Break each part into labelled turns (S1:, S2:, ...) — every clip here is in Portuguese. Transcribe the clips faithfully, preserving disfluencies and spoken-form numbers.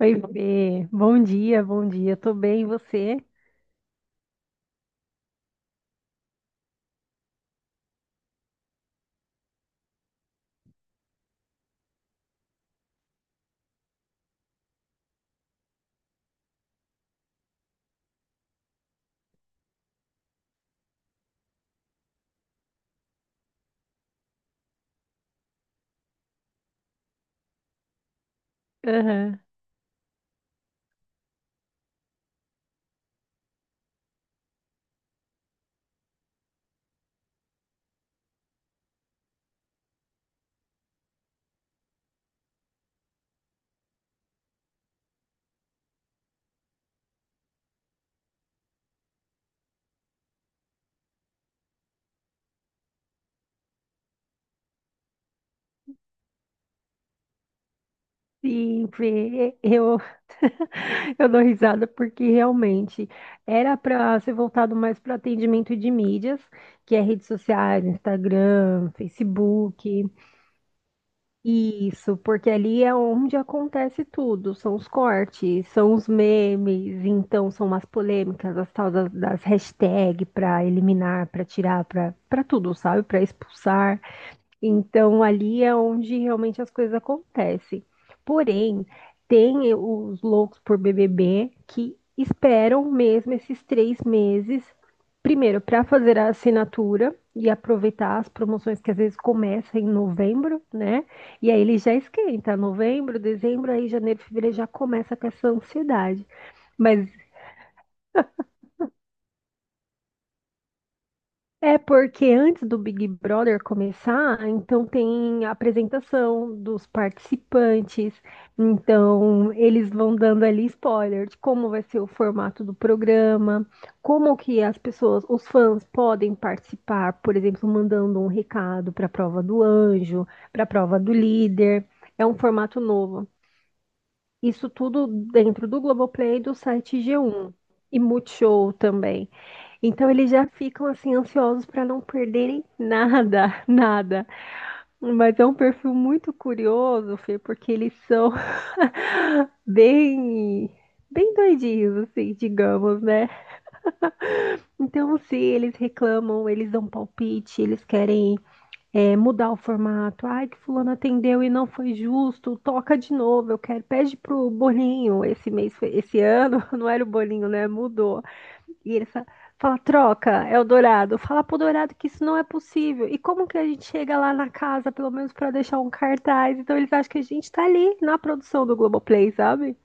S1: Oi, Fê. Bom dia, bom dia. Tô bem, e você? Aham. Sim, Fê. Eu, eu dou risada porque realmente era para ser voltado mais para atendimento de mídias, que é redes sociais, Instagram, Facebook. Isso, porque ali é onde acontece tudo. São os cortes, são os memes, então são as polêmicas, as tal das, das hashtags para eliminar, para tirar, para para tudo, sabe? Para expulsar. Então, ali é onde realmente as coisas acontecem. Porém, tem os loucos por B B B que esperam mesmo esses três meses, primeiro, para fazer a assinatura e aproveitar as promoções que às vezes começam em novembro, né? E aí ele já esquenta, novembro, dezembro, aí janeiro, fevereiro já começa com essa ansiedade. Mas É porque antes do Big Brother começar, então tem a apresentação dos participantes, então eles vão dando ali spoiler de como vai ser o formato do programa, como que as pessoas, os fãs podem participar, por exemplo, mandando um recado para a prova do anjo, para a prova do líder. É um formato novo. Isso tudo dentro do Globoplay e do site G um e Multishow também. Então eles já ficam assim ansiosos para não perderem nada, nada. Mas é um perfil muito curioso, Fê, porque eles são bem bem doidinhos, assim, digamos, né? Então, se eles reclamam, eles dão palpite, eles querem é, mudar o formato. Ai, que fulano atendeu e não foi justo, toca de novo, eu quero. Pede pro bolinho, esse mês, foi- esse ano, não era o bolinho, né? Mudou. E ele fala, Fala, troca, é o Dourado. Fala pro Dourado que isso não é possível. E como que a gente chega lá na casa, pelo menos pra deixar um cartaz? Então eles acham que a gente tá ali na produção do Globoplay, sabe?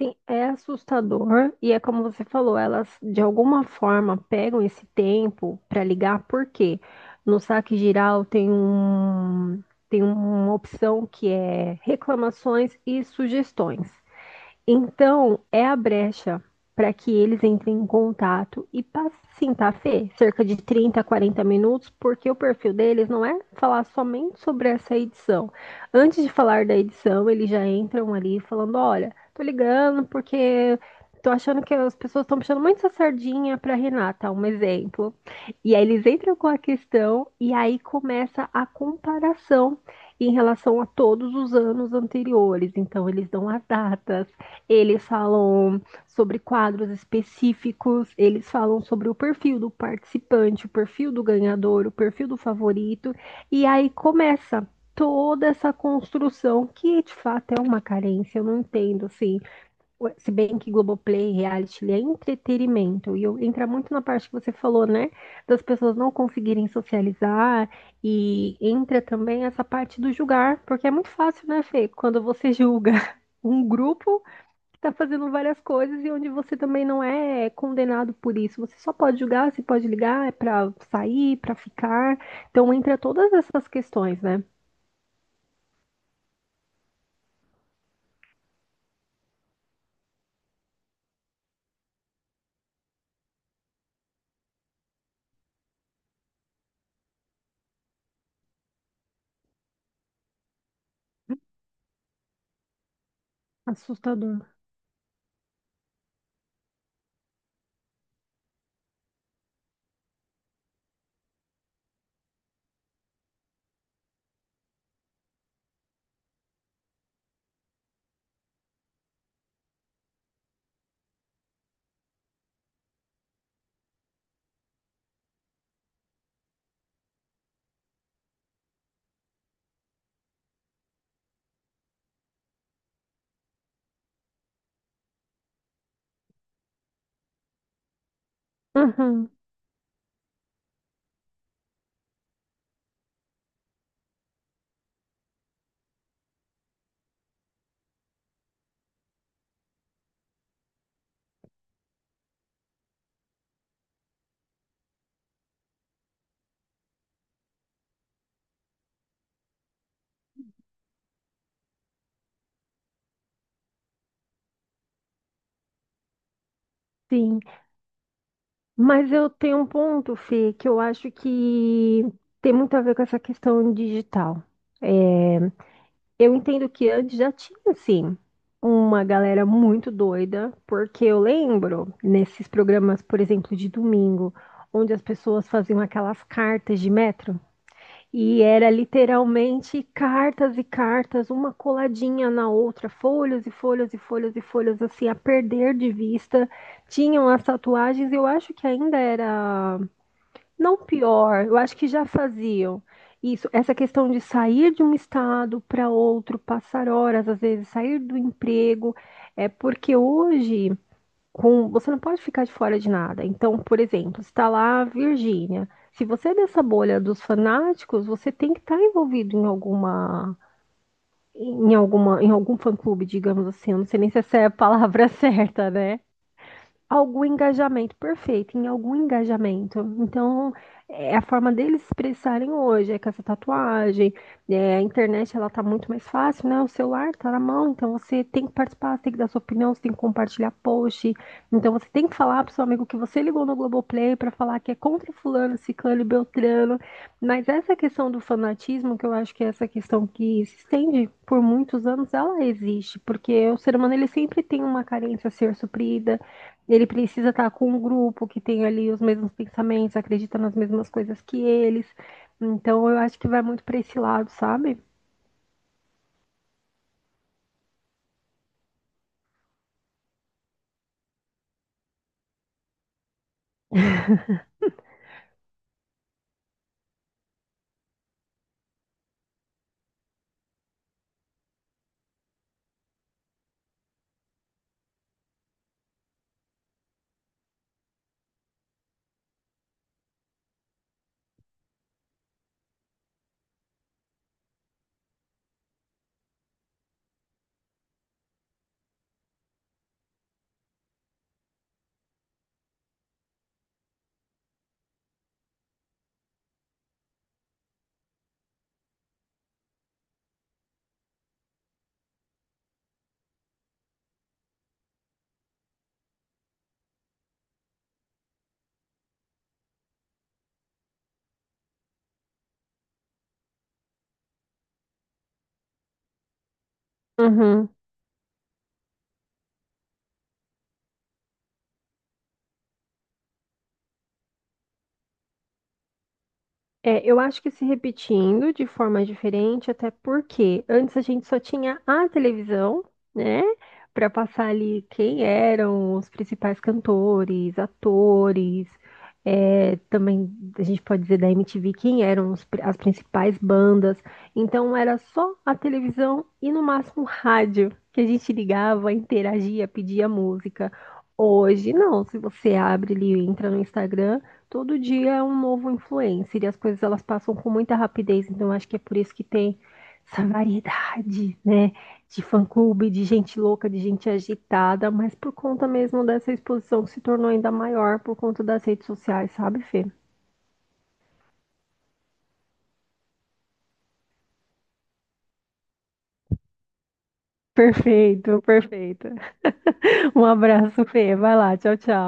S1: Sim, é assustador. E é como você falou, elas de alguma forma pegam esse tempo pra ligar, porque No saque geral tem um, tem uma opção que é reclamações e sugestões. Então, é a brecha para que eles entrem em contato e passem, tá, Fê? Cerca de trinta a quarenta minutos, porque o perfil deles não é falar somente sobre essa edição. Antes de falar da edição, eles já entram ali falando: olha, tô ligando porque tô achando que as pessoas estão puxando muito essa sardinha para Renata, um exemplo. E aí eles entram com a questão e aí começa a comparação em relação a todos os anos anteriores. Então, eles dão as datas, eles falam sobre quadros específicos, eles falam sobre o perfil do participante, o perfil do ganhador, o perfil do favorito, e aí começa toda essa construção que de fato é uma carência, eu não entendo assim. Se bem que Globoplay, reality, ele é entretenimento. E eu, entra muito na parte que você falou, né? Das pessoas não conseguirem socializar. E entra também essa parte do julgar, porque é muito fácil, né, Fê? Quando você julga um grupo, tá fazendo várias coisas e onde você também não é condenado por isso. Você só pode julgar, você pode ligar, é pra sair, pra ficar. Então entra todas essas questões, né? Assustador. Uhum, sim. Mas eu tenho um ponto, Fê, que eu acho que tem muito a ver com essa questão digital. Eu entendo que antes já tinha, sim, uma galera muito doida, porque eu lembro nesses programas, por exemplo, de domingo, onde as pessoas faziam aquelas cartas de metro. E era literalmente cartas e cartas, uma coladinha na outra, folhas e folhas e folhas e folhas, assim, a perder de vista. Tinham as tatuagens, eu acho que ainda era, não pior, eu acho que já faziam. Isso, essa questão de sair de um estado para outro, passar horas, às vezes, sair do emprego, é porque hoje com- você não pode ficar de fora de nada. Então, por exemplo, está lá a Virgínia. Se você é dessa bolha dos fanáticos, você tem que estar envolvido em alguma, em alguma, em algum fã-clube, digamos assim. Eu não sei nem se essa é a palavra certa, né? Algum engajamento, perfeito, em algum engajamento. Então, é a forma deles se expressarem hoje, é com essa tatuagem, é, a internet ela tá muito mais fácil, né? O celular tá na mão, então você tem que participar, você tem que dar sua opinião, você tem que compartilhar post, então você tem que falar pro seu amigo que você ligou no Globoplay para falar que é contra fulano, ciclano e beltrano, mas essa questão do fanatismo, que eu acho que é essa questão que se estende por muitos anos, ela existe, porque o ser humano ele sempre tem uma carência a ser suprida, ele precisa estar com um grupo que tem ali os mesmos pensamentos, acredita nas mesmas coisas que eles. Então, eu acho que vai muito para esse lado, sabe? Uhum. É, eu acho que se repetindo de forma diferente, até porque antes a gente só tinha a televisão, né, para passar ali quem eram os principais cantores, atores, é, também a gente pode dizer da M T V quem eram os pri- as principais bandas. Então era só a televisão e no máximo rádio que a gente ligava, interagia, pedia música. Hoje não, se você abre ali, entra no Instagram. Todo dia é um novo influencer e as coisas elas passam com muita rapidez, então acho que é por isso que tem essa variedade, né, de fã-clube, de gente louca, de gente agitada, mas por conta mesmo dessa exposição que se tornou ainda maior por conta das redes sociais, sabe, Fê? Perfeito, perfeito. Um abraço, Fê. Vai lá, tchau, tchau.